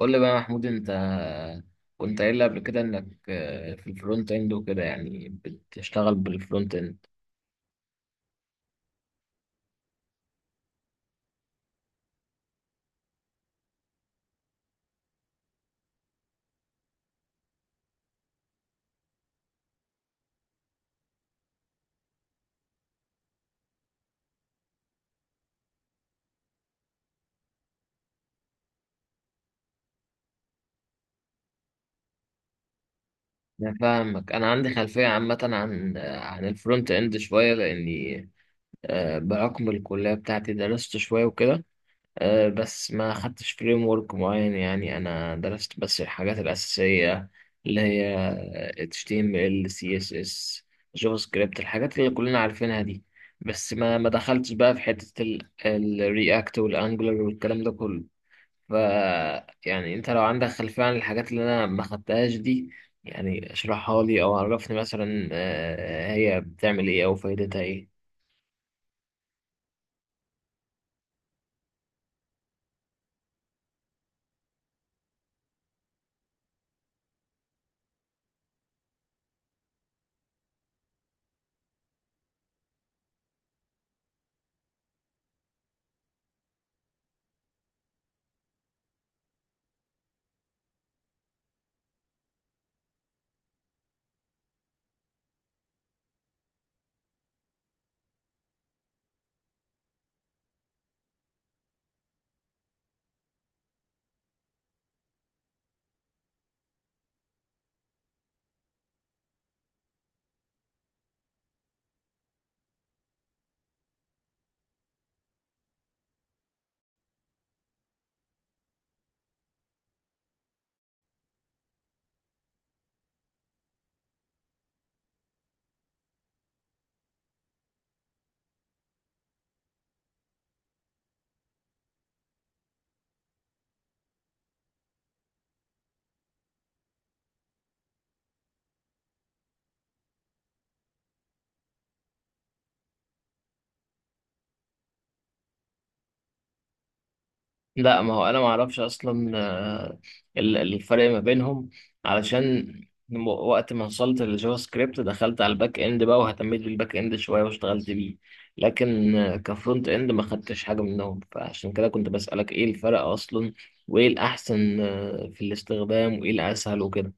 قول لي بقى يا محمود، انت كنت قايل لي قبل كده انك في الفرونت اند وكده، يعني بتشتغل بالفرونت اند. انا فاهمك، انا عندي خلفية عامة عن الفرونت اند شوية لاني بحكم الكلية بتاعتي درست شوية وكده. بس ما خدتش فريم ورك معين، يعني انا درست بس الحاجات الاساسيه اللي هي HTML CSS جافا سكريبت، الحاجات اللي كلنا عارفينها دي. بس ما دخلتش بقى في حته الرياكت والانجلر والكلام ده كله. ف يعني انت لو عندك خلفيه عن الحاجات اللي انا ما خدتهاش دي، يعني اشرحها لي او عرفني مثلا هي بتعمل ايه او فايدتها ايه. لا، ما هو انا ما اعرفش اصلا الفرق ما بينهم، علشان وقت ما وصلت للجافا سكريبت دخلت على الباك اند بقى، واهتميت بالباك اند شويه واشتغلت بيه. لكن كفرونت اند ما خدتش حاجه منهم، فعشان كده كنت بسألك ايه الفرق اصلا، وايه الاحسن في الاستخدام، وايه الاسهل وكده.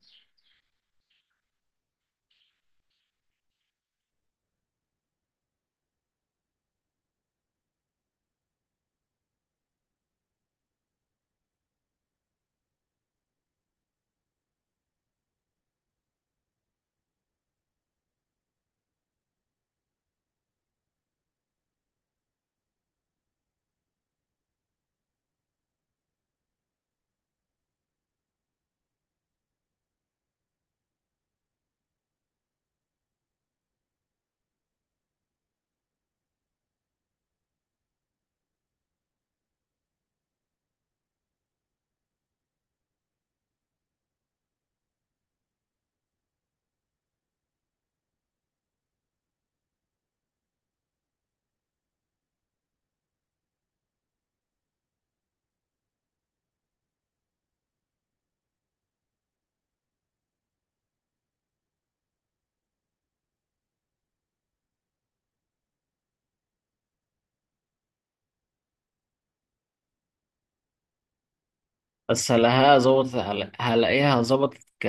بس هلاقيها ظبطت، هلاقيها ظبطت ك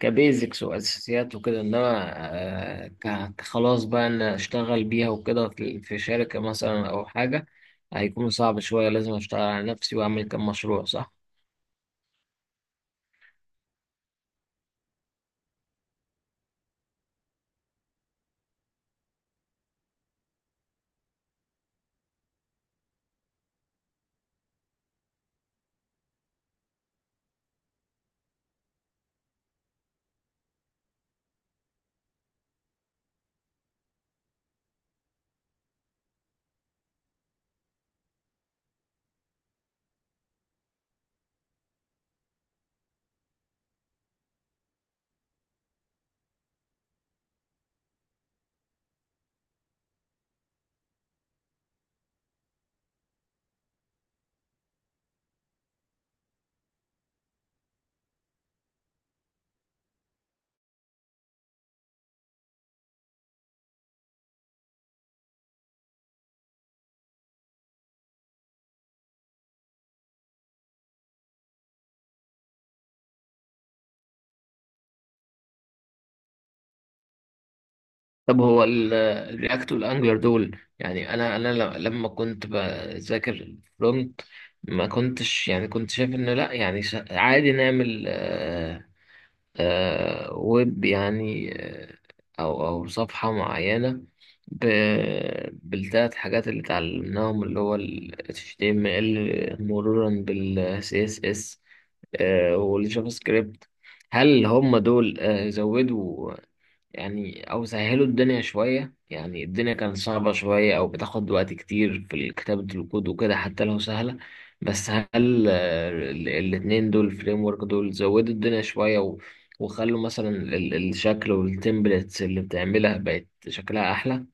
كبيزكس واساسيات وكده، انما كخلاص بقى ان اشتغل بيها وكده في شركة مثلا او حاجة، هيكون صعب شوية. لازم اشتغل على نفسي واعمل كام مشروع، صح؟ طب هو الرياكت والانجلر دول، يعني انا لما كنت بذاكر فرونت، ما كنتش يعني، كنت شايف ان لا، يعني عادي نعمل ويب يعني، أو صفحة معينة بالتلات حاجات اللي اتعلمناهم، اللي هو ال HTML مرورا بال CSS والجافا سكريبت. هل هم دول زودوا، يعني او سهلوا الدنيا شوية؟ يعني الدنيا كانت صعبة شوية او بتاخد وقت كتير في كتابة الكود وكده حتى لو سهلة. بس هل الاتنين دول، الفريم ورك دول، زودوا الدنيا شوية، وخلوا مثلا الشكل والتمبلتس اللي بتعملها بقت شكلها احلى؟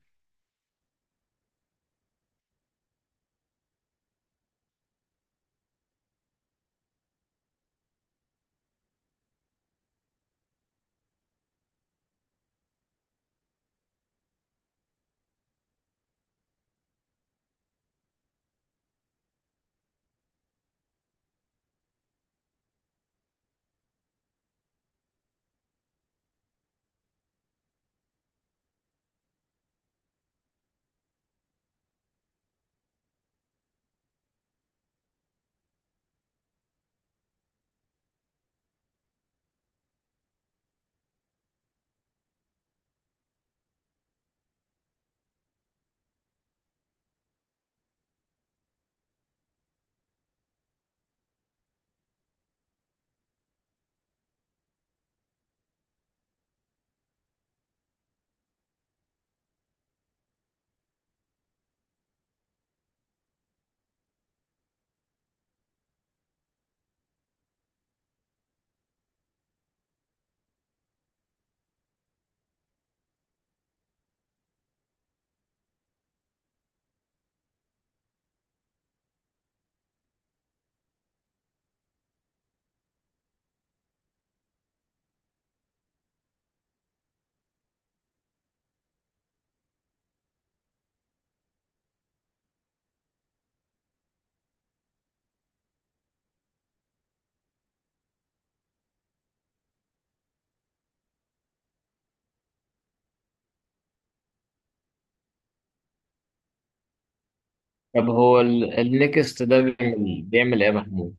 طب هو النكست ده بيعمل ايه يا محمود؟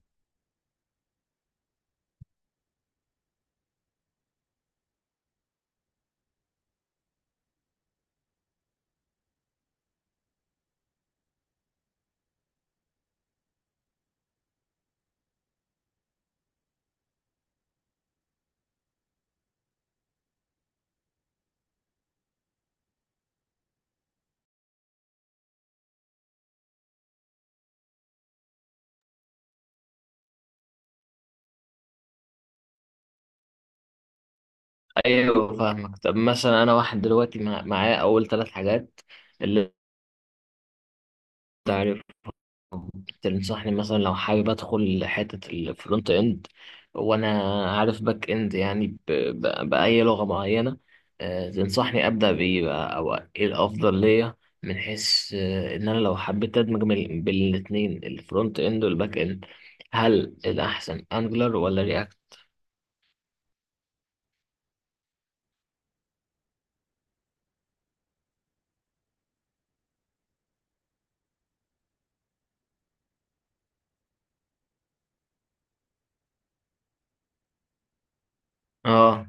ايوه فاهمك. طب مثلا، انا واحد دلوقتي معايا اول ثلاث حاجات، اللي انت تنصحني مثلا لو حابب ادخل حتة الفرونت اند، وانا عارف باك اند يعني بأي لغة معينة، تنصحني ابدأ بايه بقى، او ايه الافضل ليا، من حيث ان انا لو حبيت ادمج بين الاتنين، الفرونت اند والباك اند؟ هل الاحسن انجلر ولا رياكت؟ اه.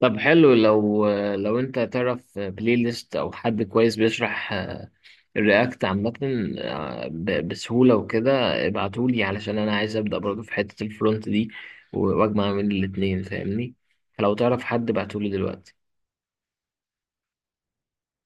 طب حلو، لو انت تعرف بلاي ليست او حد كويس بيشرح الرياكت عامة بسهولة وكده، ابعتولي. علشان أنا عايز أبدأ برضه في حتة الفرونت دي، وأجمع من الاتنين، فاهمني. فلو تعرف حد، ابعتولي دلوقتي.